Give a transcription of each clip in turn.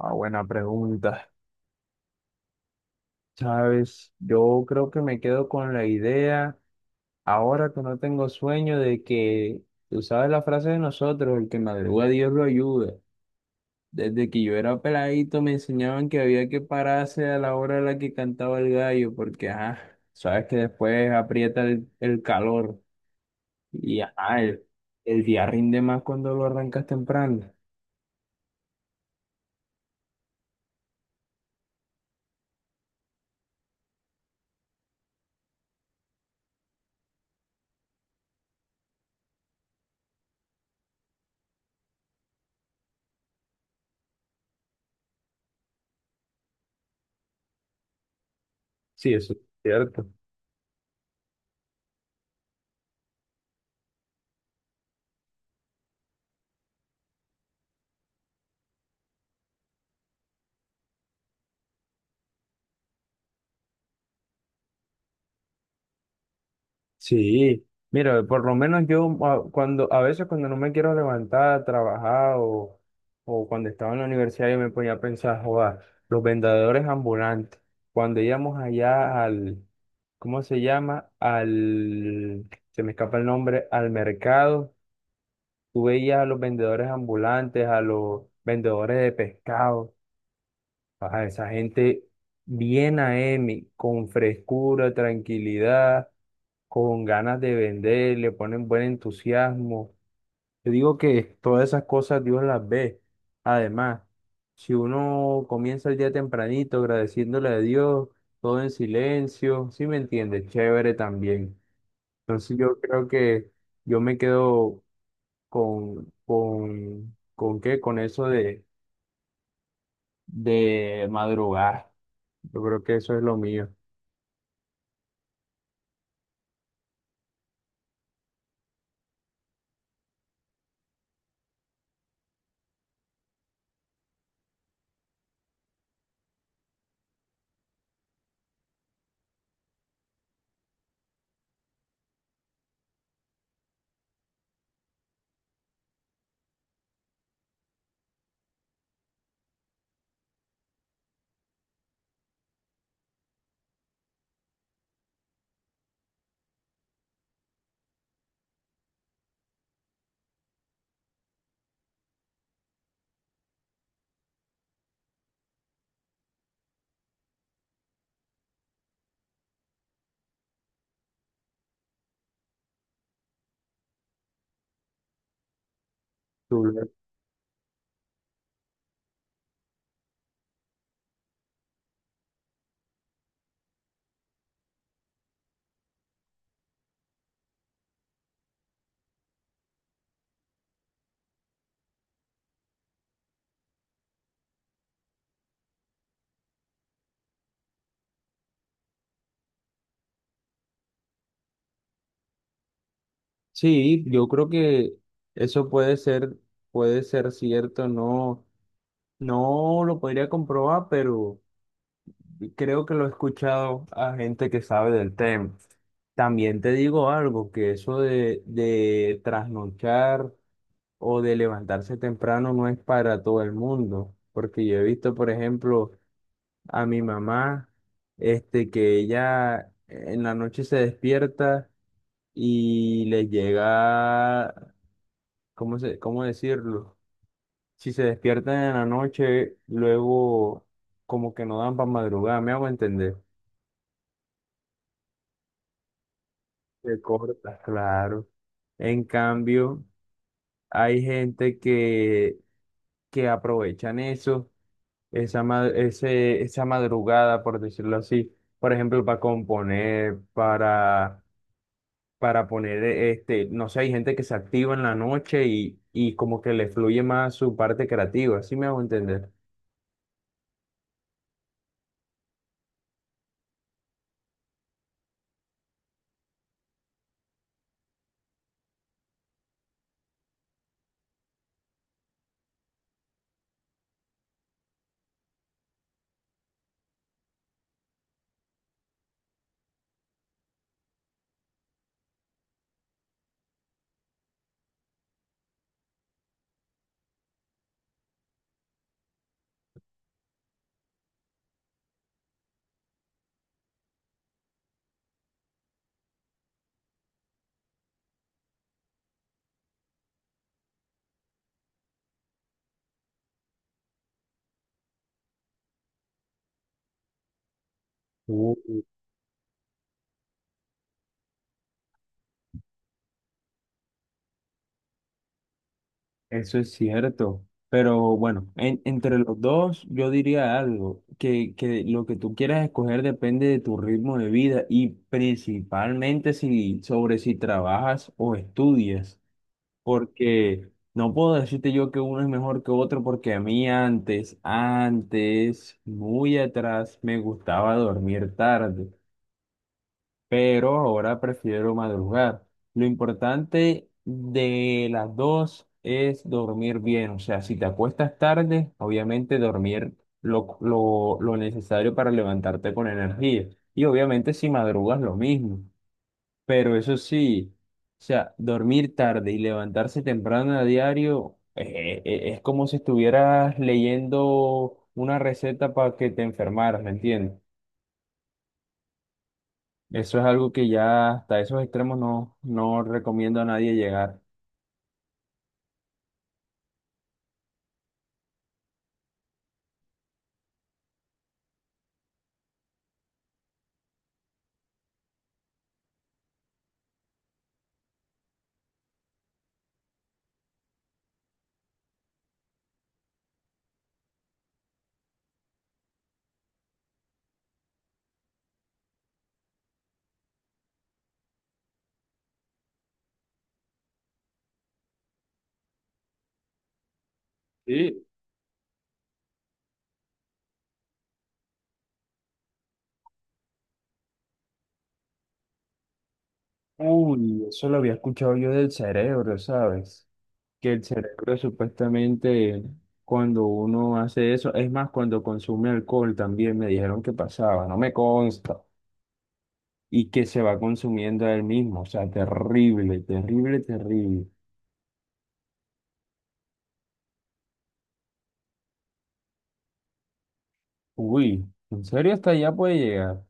Ah, buena pregunta. Sabes, yo creo que me quedo con la idea, ahora que no tengo sueño, de que, tú sabes la frase de nosotros, el que madruga Dios lo ayuda. Desde que yo era peladito me enseñaban que había que pararse a la hora a la que cantaba el gallo, porque, ajá, sabes que después aprieta el calor y, ajá, el día rinde más cuando lo arrancas temprano. Sí, eso es cierto. Sí, mira, por lo menos cuando a veces cuando no me quiero levantar a trabajar o cuando estaba en la universidad yo me ponía a pensar, joder, los vendedores ambulantes, cuando íbamos allá al, ¿cómo se llama? Al, se me escapa el nombre, al mercado, tú veías a los vendedores ambulantes, a los vendedores de pescado, a esa gente bien AM, con frescura, tranquilidad con ganas de vender, le ponen buen entusiasmo. Yo digo que todas esas cosas Dios las ve. Además, si uno comienza el día tempranito agradeciéndole a Dios, todo en silencio, ¿sí me entiende? Chévere también. Entonces yo creo que yo me quedo con, ¿con qué? Con eso de, madrugar. Yo creo que eso es lo mío. Tú, sí, yo creo que eso puede ser cierto, no, no lo podría comprobar, pero creo que lo he escuchado a gente que sabe del tema. También te digo algo, que eso de trasnochar o de levantarse temprano no es para todo el mundo, porque yo he visto, por ejemplo, a mi mamá, este, que ella en la noche se despierta y le llega ¿cómo se, cómo decirlo? Si se despiertan en la noche, luego como que no dan para madrugar, me hago entender. Se corta, claro. En cambio, hay gente que aprovechan eso, esa, ma- ese, esa madrugada, por decirlo así, por ejemplo, para componer, para, poner, este, no sé, hay gente que se activa en la noche y como que le fluye más su parte creativa, ¿sí me hago entender? Uh. Eso es cierto, pero bueno, entre los dos yo diría algo, que lo que tú quieras escoger depende de tu ritmo de vida y principalmente sobre si trabajas o estudias, porque no puedo decirte yo que uno es mejor que otro porque a mí antes, muy atrás, me gustaba dormir tarde pero ahora prefiero madrugar. Lo importante de las dos es dormir bien, o sea, si te acuestas tarde, obviamente dormir lo necesario para levantarte con energía. Y obviamente si madrugas lo mismo, pero eso sí, o sea, dormir tarde y levantarse temprano a diario es como si estuvieras leyendo una receta para que te enfermaras, ¿me entiendes? Eso es algo que ya hasta esos extremos no, no recomiendo a nadie llegar. Sí. Uy, eso lo había escuchado yo del cerebro, ¿sabes? Que el cerebro supuestamente cuando uno hace eso, es más, cuando consume alcohol también me dijeron que pasaba, no me consta, y que se va consumiendo a él mismo, o sea, terrible, terrible, terrible. Uy, ¿en serio hasta allá puede llegar?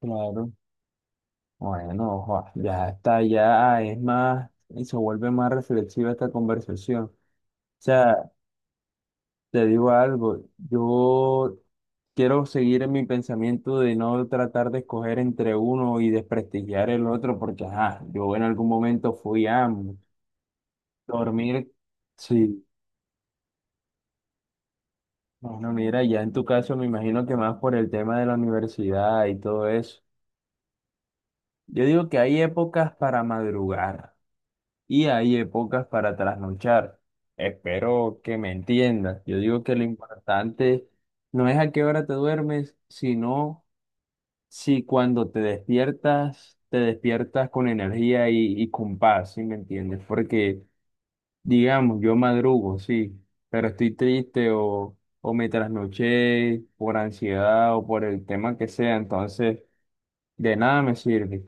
Claro. Bueno, joa, ya está, ya es más, y se vuelve más reflexiva esta conversación. O sea, te digo algo, yo quiero seguir en mi pensamiento de no tratar de escoger entre uno y desprestigiar el otro, porque ajá, yo en algún momento fui a dormir, sí. Bueno, mira, ya en tu caso me imagino que más por el tema de la universidad y todo eso. Yo digo que hay épocas para madrugar y hay épocas para trasnochar. Espero que me entiendas. Yo digo que lo importante no es a qué hora te duermes, sino si cuando te despiertas con energía y con paz, ¿sí me entiendes? Porque, digamos, yo madrugo, sí, pero estoy triste o me trasnoché por ansiedad o por el tema que sea, entonces de nada me sirve.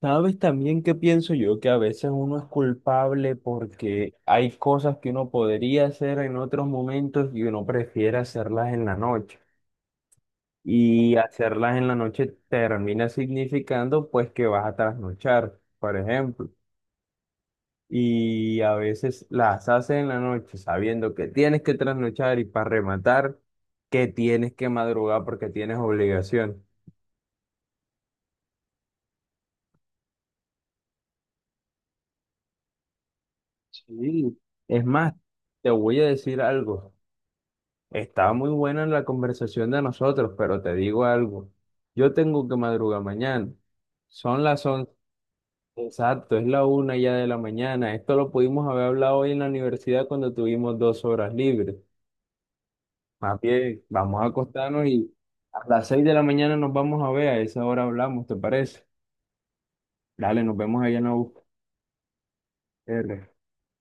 Sabes también que pienso yo que a veces uno es culpable porque hay cosas que uno podría hacer en otros momentos y uno prefiere hacerlas en la noche. Y hacerlas en la noche termina significando pues que vas a trasnochar, por ejemplo. Y a veces las haces en la noche sabiendo que tienes que trasnochar y para rematar que tienes que madrugar porque tienes obligación. Sí, es más, te voy a decir algo. Estaba muy buena la conversación de nosotros, pero te digo algo. Yo tengo que madrugar mañana. Son las 11. Exacto, es la una ya de la mañana. Esto lo pudimos haber hablado hoy en la universidad cuando tuvimos 2 horas libres. Más bien, vamos a acostarnos y a las 6 de la mañana nos vamos a ver. A esa hora hablamos, ¿te parece? Dale, nos vemos allá en la U. R.